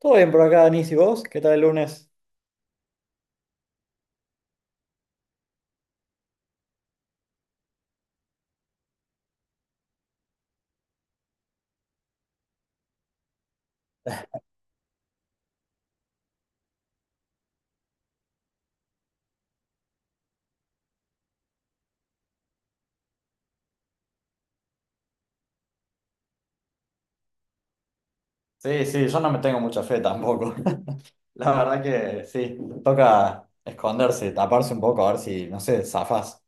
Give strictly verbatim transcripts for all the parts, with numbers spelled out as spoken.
Todo bien por acá, Denis, ¿y vos? ¿Qué tal el lunes? Sí, sí, yo no me tengo mucha fe tampoco. La verdad que sí, toca esconderse, taparse un poco, a ver si, no sé, zafás.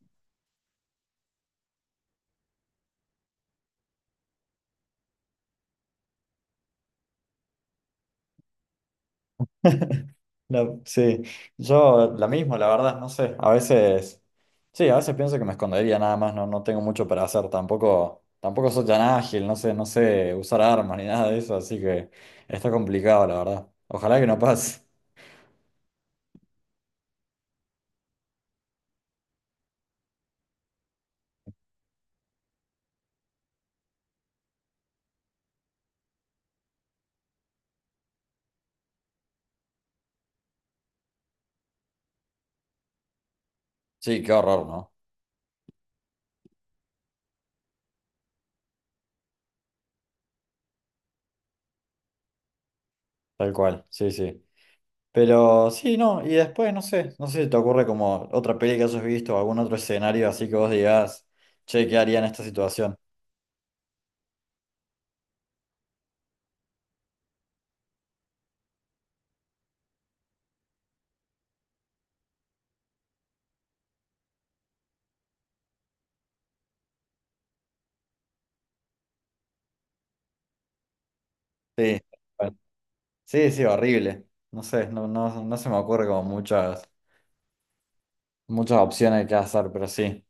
No, sí, yo la mismo, la verdad, no sé. A veces, sí, a veces pienso que me escondería nada más, no, no tengo mucho para hacer, tampoco, tampoco soy tan ágil, no sé, no sé usar armas ni nada de eso, así que está complicado, la verdad. Ojalá que no pase. Sí, qué horror, ¿no? Tal cual, sí, sí. Pero sí, no, y después no sé, no sé si te ocurre como otra peli que hayas visto o algún otro escenario así que vos digas, che, ¿qué haría en esta situación? Sí, bueno, sí, sí, horrible. No sé, no, no, no se me ocurre como muchas, muchas opciones que hacer, pero sí.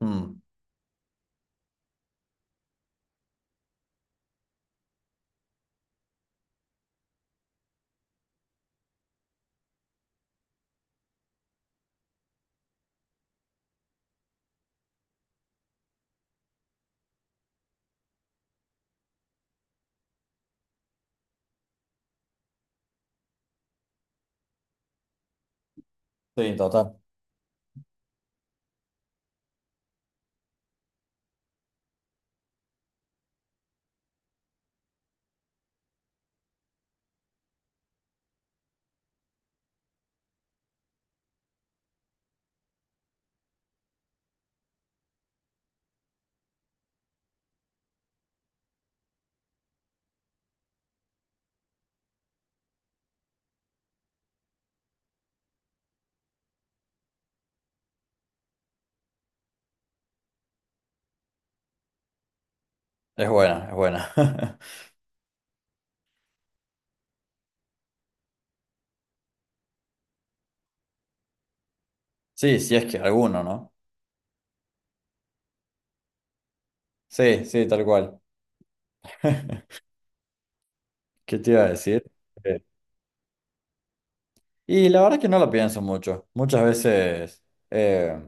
Mm, sí, total. Es buena, es buena. Sí, sí es que alguno, ¿no? Sí, sí, tal cual. ¿Qué te iba a decir? Eh, Y la verdad que no lo pienso mucho. Muchas veces, eh,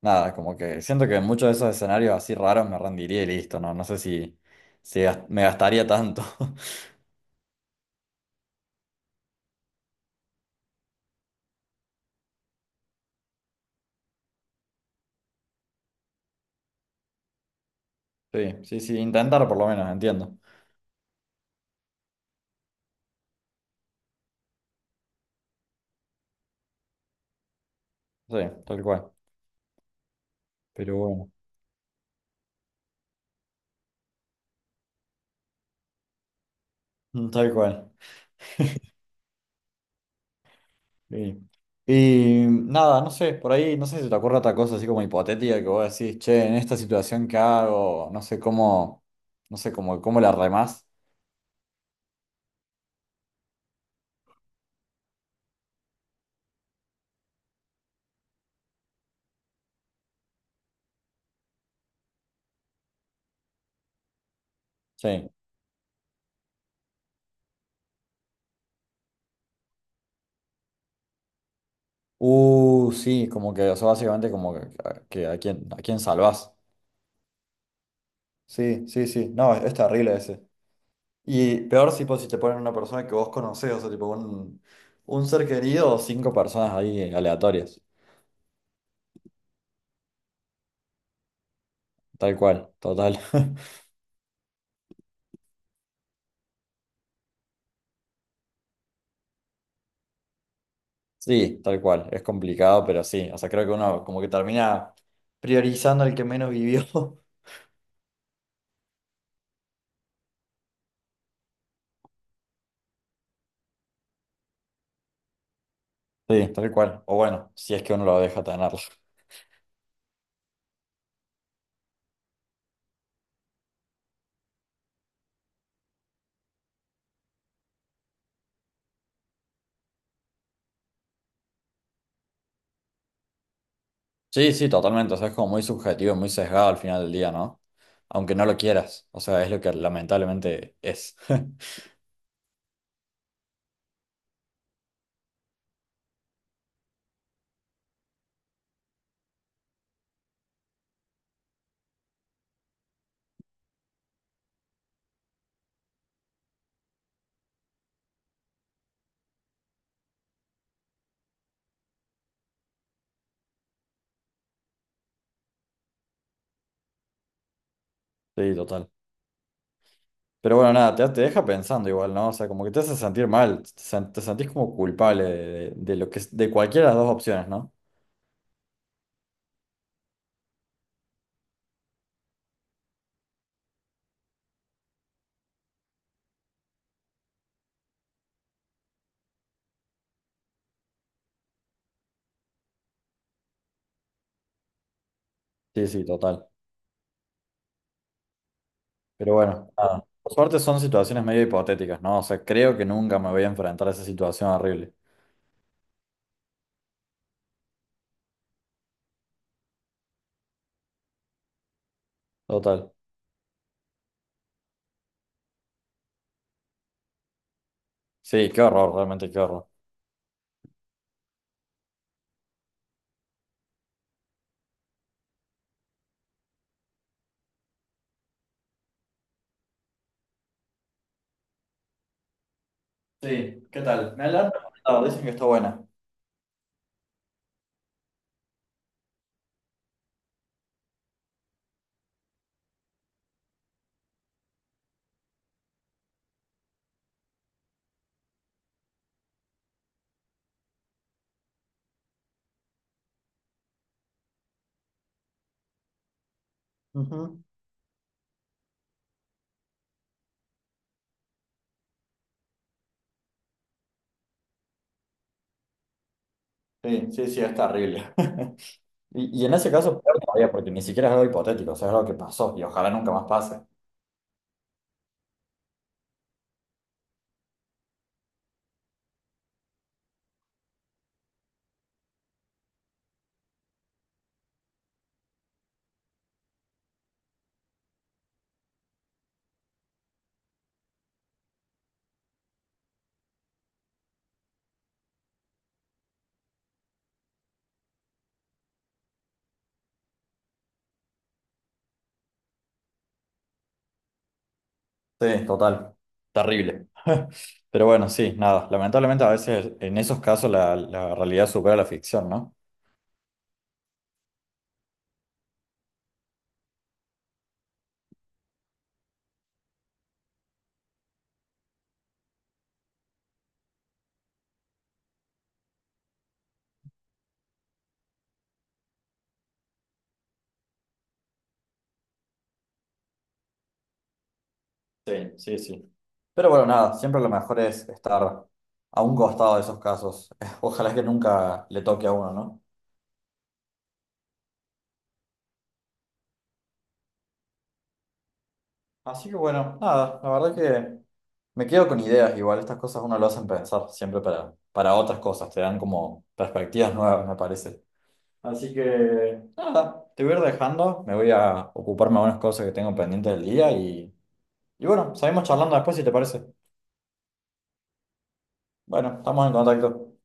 nada, como que siento que en muchos de esos escenarios así raros me rendiría y listo, ¿no? No sé si, si gas- me gastaría tanto. Sí, sí, sí, intentar por lo menos, entiendo. Sí, tal cual. Pero bueno, mm, tal cual. Sí. Y nada, no sé, por ahí, no sé si te ocurre otra cosa así como hipotética que vos decís, che, en esta situación que hago, no sé cómo, no sé cómo, cómo la remás. Sí. Uh, sí, como que, o sea, básicamente como que, que a quién, a quién salvás. Sí, sí, sí. No, es, es terrible ese. Y peor si pues si te ponen una persona que vos conocés, o sea, tipo un, un ser querido o cinco personas ahí aleatorias. Tal cual, total. Sí, tal cual. Es complicado, pero sí. O sea, creo que uno como que termina priorizando al que menos vivió. Sí, tal cual. O bueno, si es que uno lo deja tenerlo. Sí, sí, totalmente. O sea, es como muy subjetivo, muy sesgado al final del día, ¿no? Aunque no lo quieras. O sea, es lo que lamentablemente es. Sí, total. Pero bueno, nada, te, te deja pensando igual, ¿no? O sea, como que te hace sentir mal, te, sen- te sentís como culpable de, de- de lo que, es- de cualquiera de las dos opciones, ¿no? Sí, sí, total. Pero bueno, nada. Por suerte son situaciones medio hipotéticas, ¿no? O sea, creo que nunca me voy a enfrentar a esa situación horrible. Total. Sí, qué horror, realmente qué horror. Sí, ¿qué tal? Me adelanto. No, dicen que está buena. Ujú. Sí, sí, sí, es terrible. Y, y en ese caso, peor todavía, porque ni siquiera es algo hipotético, o sea, es algo que pasó y ojalá nunca más pase. Sí, total. Terrible. Pero bueno, sí, nada. Lamentablemente a veces en esos casos la, la realidad supera la ficción, ¿no? Sí, sí, sí. Pero bueno, nada, siempre lo mejor es estar a un costado de esos casos. Ojalá que nunca le toque a uno, ¿no? Así que bueno, nada, la verdad que me quedo con ideas, igual estas cosas uno lo hacen pensar siempre para, para otras cosas, te dan como perspectivas nuevas, me parece. Así que nada, te voy a ir dejando, me voy a ocuparme de unas cosas que tengo pendientes del día y, y bueno, seguimos charlando después si te parece. Bueno, estamos en contacto.